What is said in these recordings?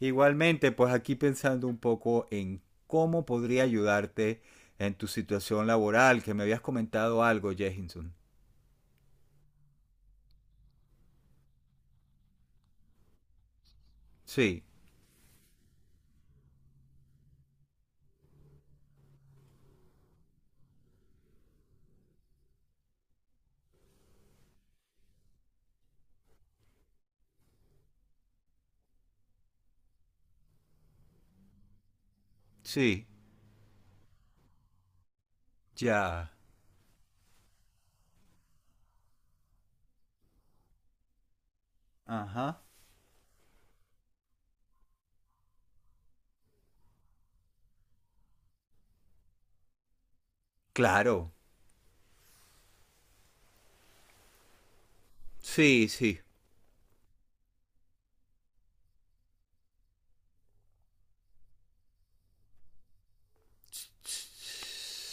Igualmente, pues aquí pensando un poco en cómo podría ayudarte en tu situación laboral, que me habías comentado algo, Jehinson. Sí, sí, ya. Ajá. Claro. Sí, sí.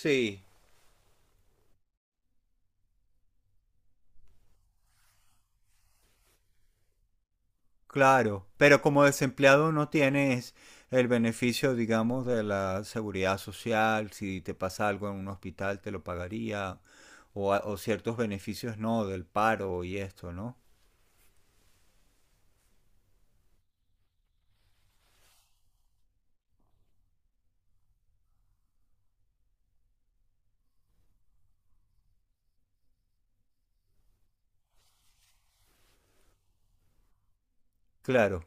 Sí. Claro. Pero como desempleado no tienes el beneficio, digamos, de la seguridad social. Si te pasa algo en un hospital, te lo pagaría. O, o ciertos beneficios, no, del paro y esto, ¿no? Claro.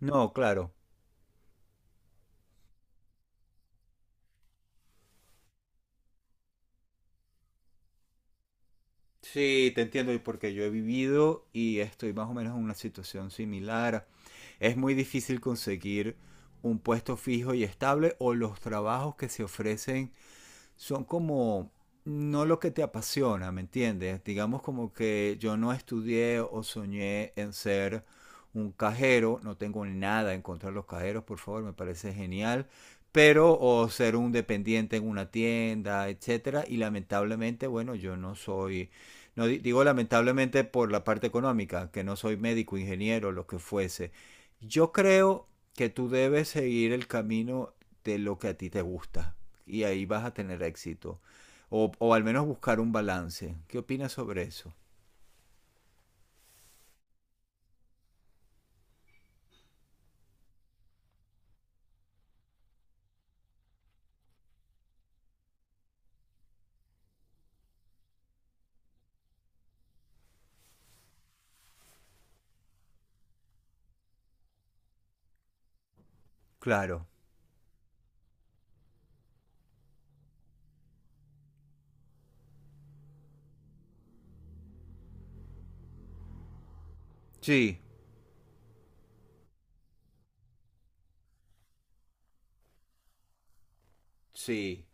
No, claro. Sí, te entiendo, y porque yo he vivido y estoy más o menos en una situación similar. Es muy difícil conseguir un puesto fijo y estable o los trabajos que se ofrecen son como no lo que te apasiona, ¿me entiendes? Digamos como que yo no estudié o soñé en ser un cajero, no tengo nada en contra de los cajeros, por favor, me parece genial, pero o ser un dependiente en una tienda, etcétera, y lamentablemente, bueno, yo no soy no di- digo lamentablemente por la parte económica, que no soy médico, ingeniero, lo que fuese. Yo creo que tú debes seguir el camino de lo que a ti te gusta y ahí vas a tener éxito. O al menos buscar un balance. ¿Qué opinas sobre eso? Claro. Sí, sí,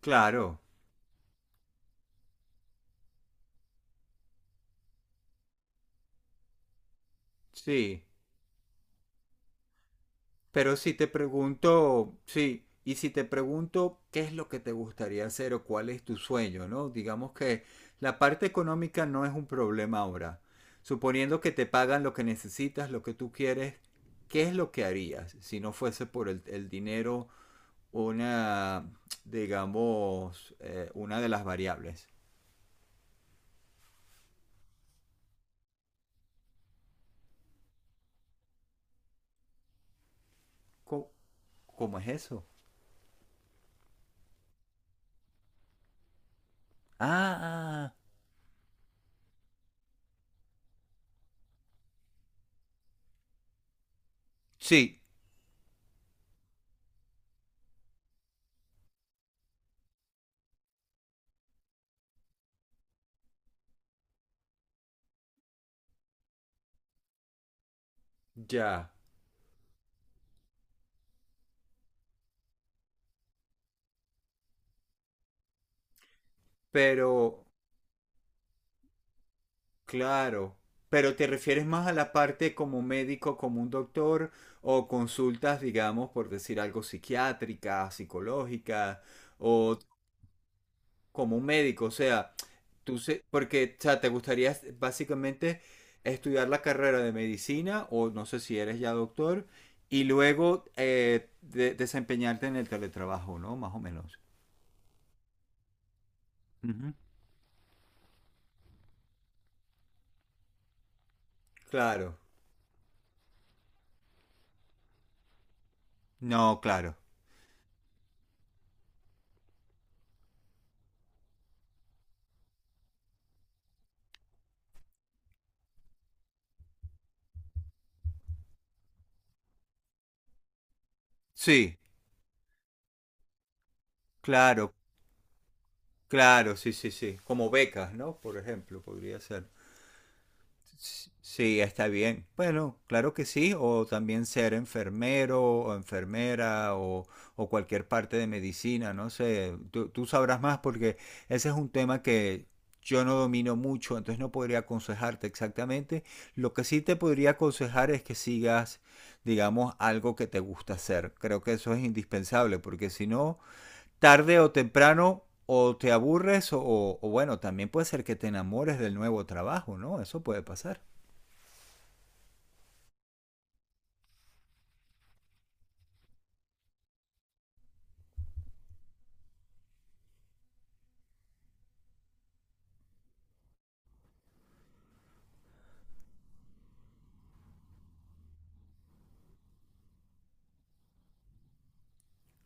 claro, sí. Pero si te pregunto, sí, y si te pregunto qué es lo que te gustaría hacer o cuál es tu sueño, ¿no? Digamos que la parte económica no es un problema ahora. Suponiendo que te pagan lo que necesitas, lo que tú quieres, ¿qué es lo que harías si no fuese por el dinero una, digamos, una de las variables. ¿Cómo, cómo es eso? Ah, ah, sí, ya. Pero, claro. Pero te refieres más a la parte como médico, como un doctor, o consultas, digamos, por decir algo, psiquiátricas, psicológicas, o como un médico, o sea, porque, o sea, te gustaría básicamente estudiar la carrera de medicina o no sé si eres ya doctor y luego desempeñarte en el teletrabajo, ¿no? Más o menos. Ujú. Claro. No, claro. Sí, claro, claro, sí, sí, sí. Como becas, ¿no? Por ejemplo, podría ser. Sí, está bien. Bueno, claro que sí, o también ser enfermero o enfermera o cualquier parte de medicina, no sé, tú sabrás más porque ese es un tema que yo no domino mucho, entonces no podría aconsejarte exactamente. Lo que sí te podría aconsejar es que sigas, digamos, algo que te gusta hacer. Creo que eso es indispensable porque si no, tarde o temprano o te aburres o bueno, también puede ser que te enamores del nuevo trabajo, ¿no? Eso puede pasar.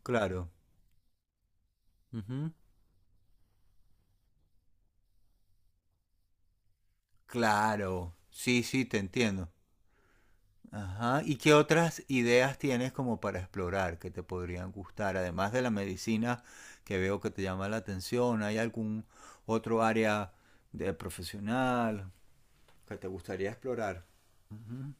Claro. Ujú. Claro. Sí, sí, te entiendo. Ajá. ¿Y qué otras ideas tienes como para explorar que te podrían gustar? Además de la medicina que veo que te llama la atención, ¿hay algún otro área de profesional que te gustaría explorar? Ujú.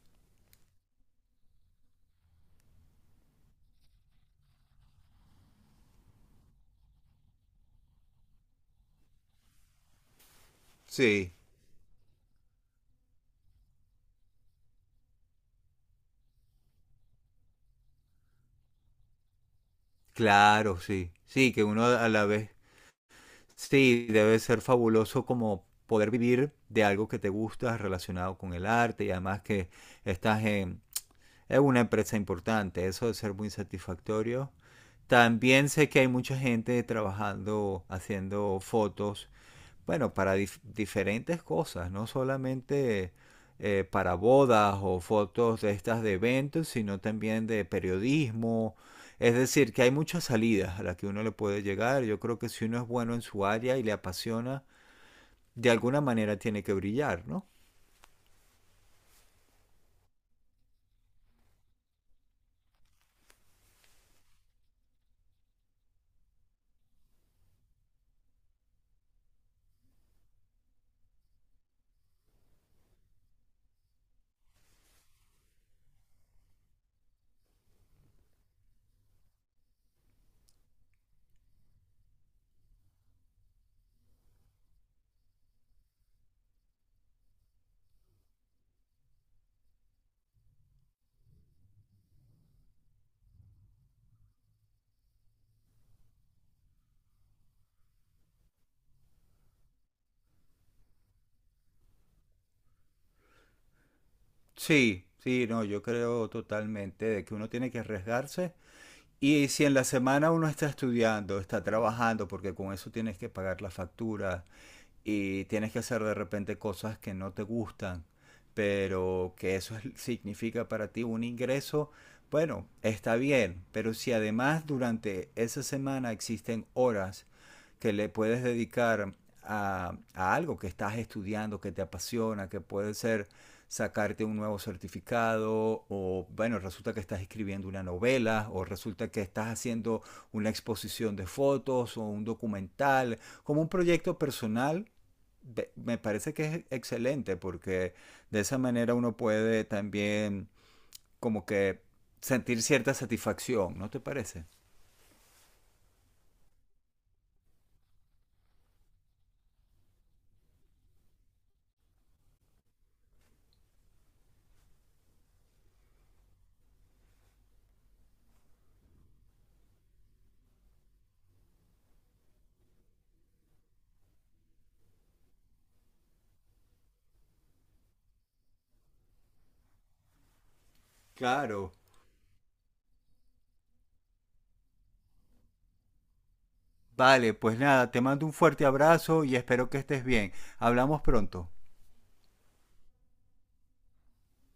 Sí, claro, sí. Sí, que uno a la vez, sí, debe ser fabuloso como poder vivir de algo que te gusta relacionado con el arte y además que estás es una empresa importante, eso debe ser muy satisfactorio. También sé que hay mucha gente trabajando, haciendo fotos, bueno, para diferentes cosas, no solamente para bodas o fotos de estas de eventos, sino también de periodismo. Es decir, que hay muchas salidas a las que uno le puede llegar. Yo creo que si uno es bueno en su área y le apasiona, de alguna manera tiene que brillar, ¿no? Sí, sí, no, yo creo totalmente de que uno tiene que arriesgarse. Y si en la semana uno está estudiando, está trabajando, porque con eso tienes que pagar la factura, y tienes que hacer de repente cosas que no te gustan, pero que eso significa para ti un ingreso, bueno, está bien, pero si además durante esa semana existen horas que le puedes dedicar a algo que estás estudiando, que te apasiona, que puede ser sacarte un nuevo certificado o bueno, resulta que estás escribiendo una novela o resulta que estás haciendo una exposición de fotos o un documental, como un proyecto personal. Me parece que es excelente porque de esa manera uno puede también como que sentir cierta satisfacción, ¿no te parece? Claro. Vale, pues nada, te mando un fuerte abrazo y espero que estés bien. Hablamos pronto.